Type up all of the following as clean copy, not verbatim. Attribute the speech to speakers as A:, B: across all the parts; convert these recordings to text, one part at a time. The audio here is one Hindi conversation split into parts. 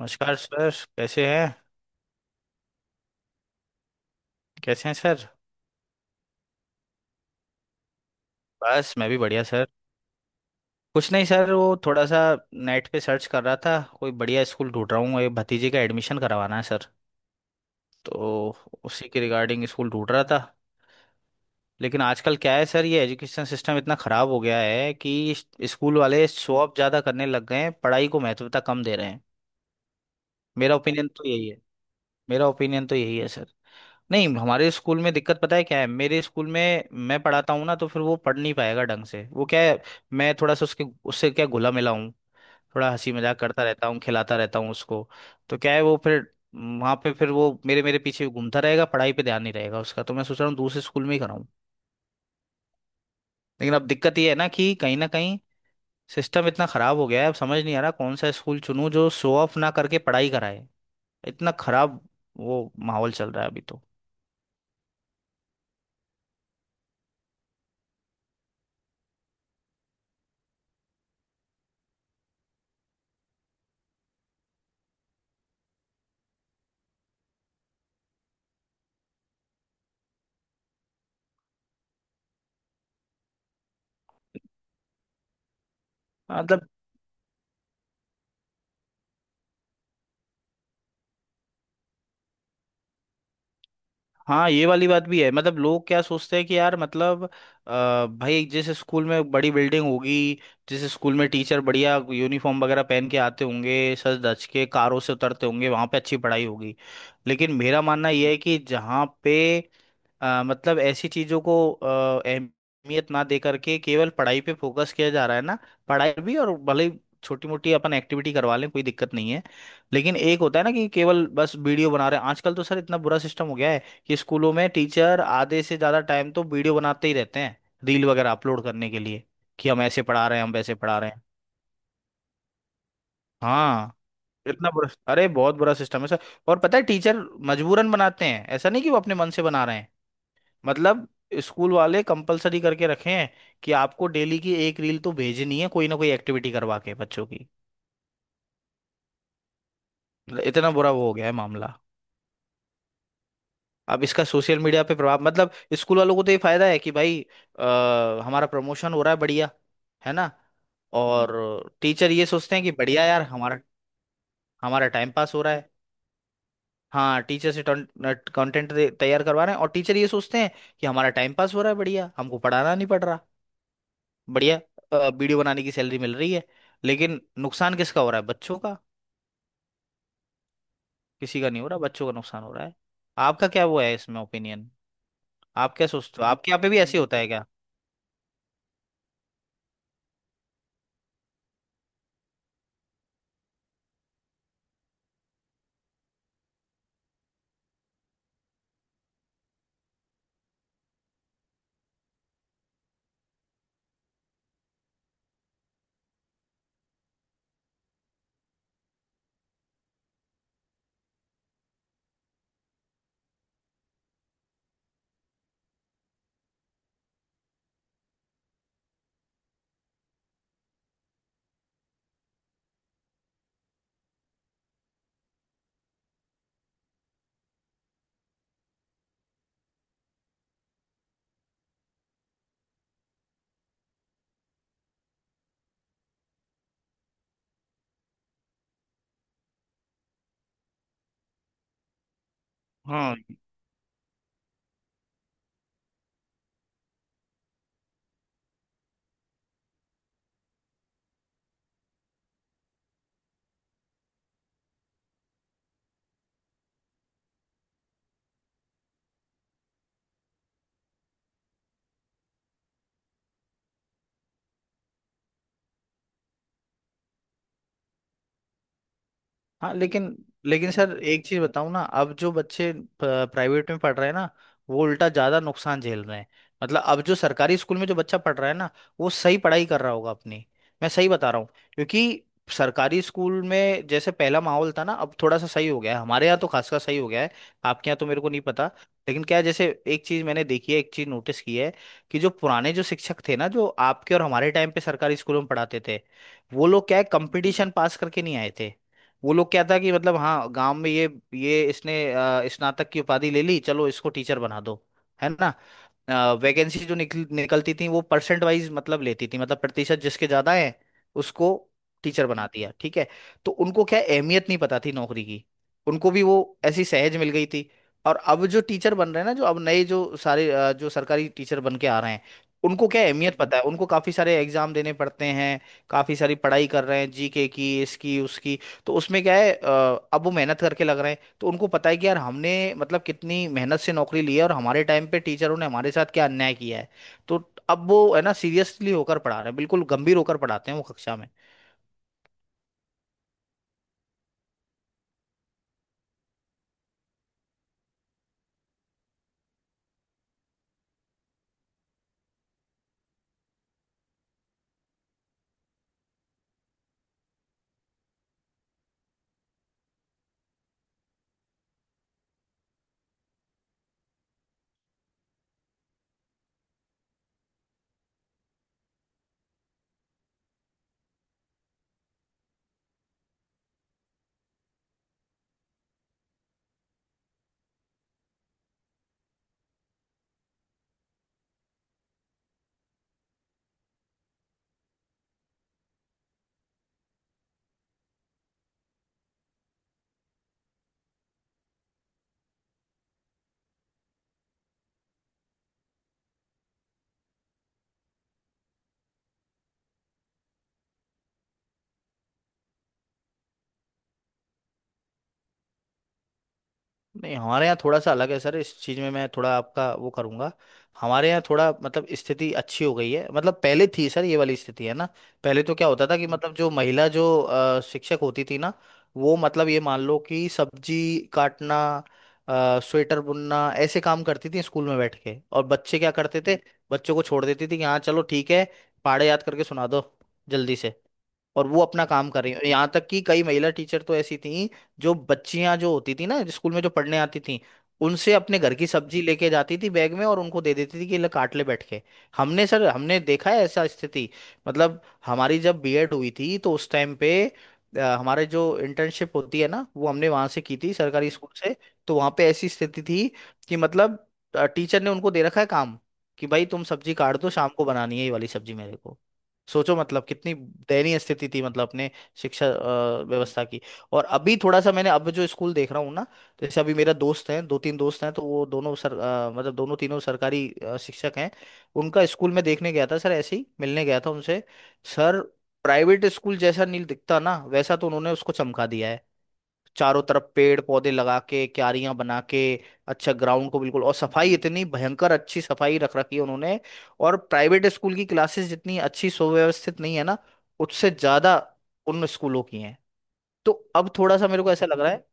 A: नमस्कार सर। कैसे हैं? कैसे हैं सर? बस मैं भी बढ़िया सर। कुछ नहीं सर, वो थोड़ा सा नेट पे सर्च कर रहा था, कोई बढ़िया स्कूल ढूंढ रहा हूँ, ये भतीजे का एडमिशन करवाना है सर। तो उसी के रिगार्डिंग स्कूल ढूंढ रहा था। लेकिन आजकल क्या है सर, ये एजुकेशन सिस्टम इतना ख़राब हो गया है कि स्कूल वाले शो ऑफ ज़्यादा करने लग गए हैं, पढ़ाई को महत्वता कम दे रहे हैं। मेरा ओपिनियन तो यही है। मेरा ओपिनियन तो यही है सर। नहीं, हमारे स्कूल में दिक्कत पता है क्या है, मेरे स्कूल में मैं पढ़ाता हूँ ना तो फिर वो पढ़ नहीं पाएगा ढंग से। वो क्या है, मैं थोड़ा सा उसके, उससे क्या घुला मिला हूँ, थोड़ा हंसी मजाक करता रहता हूँ, खिलाता रहता हूँ उसको। तो क्या है, वो फिर वहाँ पे फिर वो मेरे मेरे पीछे घूमता रहेगा, पढ़ाई पे ध्यान नहीं रहेगा उसका। तो मैं सोच रहा हूँ दूसरे स्कूल में ही कराऊँ। लेकिन अब दिक्कत ये है ना, कि कहीं ना कहीं सिस्टम इतना खराब हो गया है, अब समझ नहीं आ रहा कौन सा स्कूल चुनूँ जो शो ऑफ ना करके पढ़ाई कराए। इतना खराब वो माहौल चल रहा है अभी तो। मतलब हाँ, ये वाली बात भी है। मतलब लोग क्या सोचते हैं कि यार मतलब भाई जिस स्कूल में बड़ी बिल्डिंग होगी, जिस स्कूल में टीचर बढ़िया यूनिफॉर्म वगैरह पहन के आते होंगे, सज धज के कारों से उतरते होंगे, वहाँ पे अच्छी पढ़ाई होगी। लेकिन मेरा मानना यह है कि जहाँ पे मतलब ऐसी चीजों को अहमियत ना दे करके केवल पढ़ाई पे फोकस किया जा रहा है ना। पढ़ाई भी, और भले ही छोटी मोटी अपन एक्टिविटी करवा लें कोई दिक्कत नहीं है। लेकिन एक होता है ना कि केवल बस वीडियो बना रहे हैं। आजकल तो सर इतना बुरा सिस्टम हो गया है कि स्कूलों में टीचर आधे से ज्यादा टाइम तो वीडियो बनाते ही रहते हैं, रील वगैरह अपलोड करने के लिए, कि हम ऐसे पढ़ा रहे हैं, हम वैसे पढ़ा रहे हैं। हाँ, इतना बुरा। अरे बहुत बुरा सिस्टम है सर। और पता है टीचर मजबूरन बनाते हैं, ऐसा नहीं कि वो अपने मन से बना रहे हैं। मतलब स्कूल वाले कंपलसरी करके रखे हैं कि आपको डेली की एक रील तो भेजनी है, कोई ना कोई एक्टिविटी करवा के बच्चों की। मतलब इतना बुरा वो हो गया है मामला। अब इसका सोशल मीडिया पे प्रभाव, मतलब स्कूल वालों को तो ये फायदा है कि भाई हमारा प्रमोशन हो रहा है बढ़िया, है ना। हम्म। और टीचर ये सोचते हैं कि बढ़िया यार, हमारा, हमारा टाइम पास हो रहा है। हाँ, टीचर से कंटेंट तैयार करवा रहे हैं। और टीचर ये सोचते हैं कि हमारा टाइम पास हो रहा है बढ़िया, हमको पढ़ाना नहीं पड़ रहा। बढ़िया, वीडियो बनाने की सैलरी मिल रही है। लेकिन नुकसान किसका हो रहा है? बच्चों का। किसी का नहीं हो रहा, बच्चों का नुकसान हो रहा है। आपका क्या वो है इसमें ओपिनियन, आप क्या सोचते हो? आपके यहाँ पे भी ऐसे ही होता है क्या? हाँ, हाँ। लेकिन लेकिन सर एक चीज बताऊं ना, अब जो बच्चे प्राइवेट में पढ़ रहे हैं ना, वो उल्टा ज्यादा नुकसान झेल रहे हैं। मतलब अब जो सरकारी स्कूल में जो बच्चा पढ़ रहा है ना, वो सही पढ़ाई कर रहा होगा अपनी, मैं सही बता रहा हूँ। क्योंकि सरकारी स्कूल में जैसे पहला माहौल था ना, अब थोड़ा सा सही हो गया है, हमारे यहाँ तो खासकर सही हो गया है। आपके यहाँ तो मेरे को नहीं पता। लेकिन क्या है, जैसे एक चीज मैंने देखी है, एक चीज नोटिस की है, कि जो पुराने जो शिक्षक थे ना, जो आपके और हमारे टाइम पे सरकारी स्कूलों में पढ़ाते थे, वो लोग क्या है, कंपटीशन पास करके नहीं आए थे। वो लोग क्या था कि मतलब हाँ गांव में ये इसने स्नातक की उपाधि ले ली, चलो इसको टीचर बना दो, है ना। वैकेंसी जो निकलती थी वो परसेंट वाइज मतलब लेती थी, मतलब प्रतिशत जिसके ज्यादा है उसको टीचर बना दिया, ठीक है। तो उनको क्या है, अहमियत नहीं पता थी नौकरी की, उनको भी वो ऐसी सहज मिल गई थी। और अब जो टीचर बन रहे हैं ना, जो अब नए जो सारे जो सरकारी टीचर बन के आ रहे हैं, उनको क्या है, अहमियत पता है, उनको काफी सारे एग्जाम देने पड़ते हैं, काफी सारी पढ़ाई कर रहे हैं, जीके की इसकी उसकी। तो उसमें क्या है अब वो मेहनत करके लग रहे हैं, तो उनको पता है कि यार हमने, मतलब कितनी मेहनत से नौकरी ली है, और हमारे टाइम पे टीचरों ने हमारे साथ क्या अन्याय किया है। तो अब वो है ना, सीरियसली होकर पढ़ा रहे हैं, बिल्कुल गंभीर होकर पढ़ाते हैं वो कक्षा में। नहीं, हमारे यहाँ थोड़ा सा अलग है सर इस चीज़ में, मैं थोड़ा आपका वो करूँगा। हमारे यहाँ थोड़ा मतलब स्थिति अच्छी हो गई है। मतलब पहले थी सर ये वाली स्थिति है ना। पहले तो क्या होता था कि मतलब जो महिला जो शिक्षक होती थी ना, वो मतलब ये मान लो कि सब्जी काटना, स्वेटर बुनना, ऐसे काम करती थी स्कूल में बैठ के। और बच्चे क्या करते थे? बच्चों को छोड़ देती थी कि हाँ चलो ठीक है, पहाड़े याद करके सुना दो जल्दी से, और वो अपना काम कर रही हैं। यहाँ तक कि कई महिला टीचर तो ऐसी थी, जो बच्चियां जो होती थी ना स्कूल में जो पढ़ने आती थी, उनसे अपने घर की सब्जी लेके जाती थी बैग में, और उनको दे देती थी कि ले काट ले बैठ के। हमने सर, हमने देखा है ऐसा स्थिति। मतलब हमारी जब बीएड हुई थी, तो उस टाइम पे हमारे जो इंटर्नशिप होती है ना, वो हमने वहां से की थी सरकारी स्कूल से। तो वहां पे ऐसी स्थिति थी कि मतलब टीचर ने उनको दे रखा है काम, कि भाई तुम सब्जी काट दो, शाम को बनानी है ये वाली सब्जी मेरे को। सोचो मतलब कितनी दयनीय स्थिति थी, मतलब अपने शिक्षा व्यवस्था की। और अभी थोड़ा सा, मैंने अब जो स्कूल देख रहा हूँ ना, तो जैसे अभी मेरा दोस्त है, दो तीन दोस्त हैं, तो वो दोनों सर मतलब दोनों तीनों सरकारी शिक्षक हैं। उनका स्कूल में देखने गया था सर, ऐसे ही मिलने गया था उनसे। सर प्राइवेट स्कूल जैसा नहीं दिखता ना वैसा तो उन्होंने उसको चमका दिया है। चारों तरफ पेड़ पौधे लगा के, क्यारियां बना के, अच्छा ग्राउंड को बिल्कुल, और सफाई इतनी भयंकर अच्छी सफाई रख रखी है उन्होंने। और प्राइवेट स्कूल की क्लासेस जितनी अच्छी सुव्यवस्थित नहीं है ना, उससे ज्यादा उन स्कूलों की हैं। तो अब थोड़ा सा मेरे को ऐसा लग रहा है।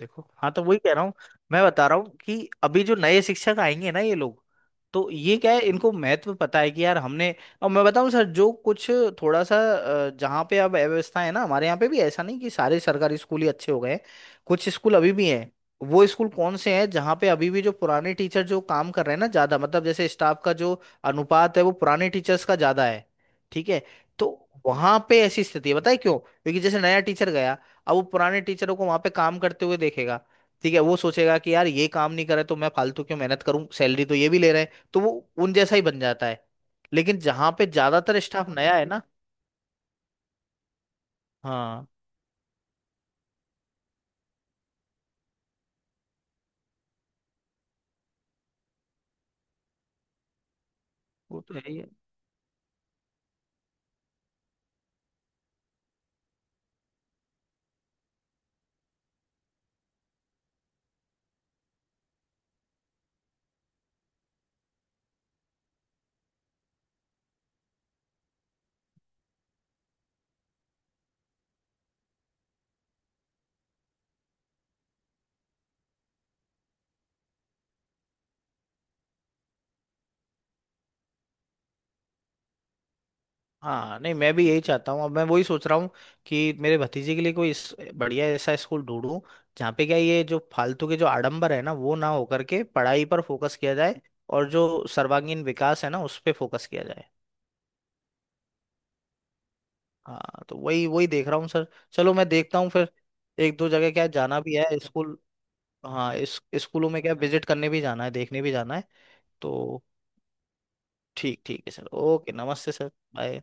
A: देखो, हाँ, तो वही कह रहा हूँ, मैं बता रहा हूँ कि अभी जो नए शिक्षक आएंगे ना ये लोग, तो ये क्या है, इनको महत्व पता है कि यार हमने। और मैं बताऊँ सर, जो कुछ थोड़ा सा जहाँ पे अब अव्यवस्था है ना, हमारे यहाँ पे भी ऐसा नहीं कि सारे सरकारी स्कूल ही अच्छे हो गए हैं। कुछ स्कूल अभी भी हैं, वो स्कूल कौन से हैं जहाँ पे अभी भी जो पुराने टीचर जो काम कर रहे हैं ना ज्यादा, मतलब जैसे स्टाफ का जो अनुपात है वो पुराने टीचर्स का ज्यादा है, ठीक है। तो वहां पे ऐसी स्थिति है, बताए क्यों, क्योंकि जैसे नया टीचर गया, अब वो पुराने टीचरों को वहां पे काम करते हुए देखेगा, ठीक है। वो सोचेगा कि यार ये काम नहीं करे तो मैं फालतू क्यों मेहनत करूं, सैलरी तो ये भी ले रहे हैं, तो वो उन जैसा ही बन जाता है। लेकिन जहां पे ज्यादातर स्टाफ नया है ना, हाँ वो तो है ही है। हाँ नहीं, मैं भी यही चाहता हूँ, अब मैं वही सोच रहा हूँ कि मेरे भतीजे के लिए कोई बढ़िया ऐसा स्कूल ढूंढूं जहाँ पे क्या ये जो फालतू के जो आडंबर है ना, वो ना होकर के पढ़ाई पर फोकस किया जाए, और जो सर्वांगीण विकास है ना उस पे फोकस किया जाए। हाँ तो वही वही देख रहा हूँ सर। चलो मैं देखता हूँ फिर, एक दो जगह क्या जाना भी है स्कूल। हाँ इस स्कूलों में क्या विजिट करने भी जाना है, देखने भी जाना है। तो ठीक ठीक है सर, ओके, नमस्ते सर, बाय।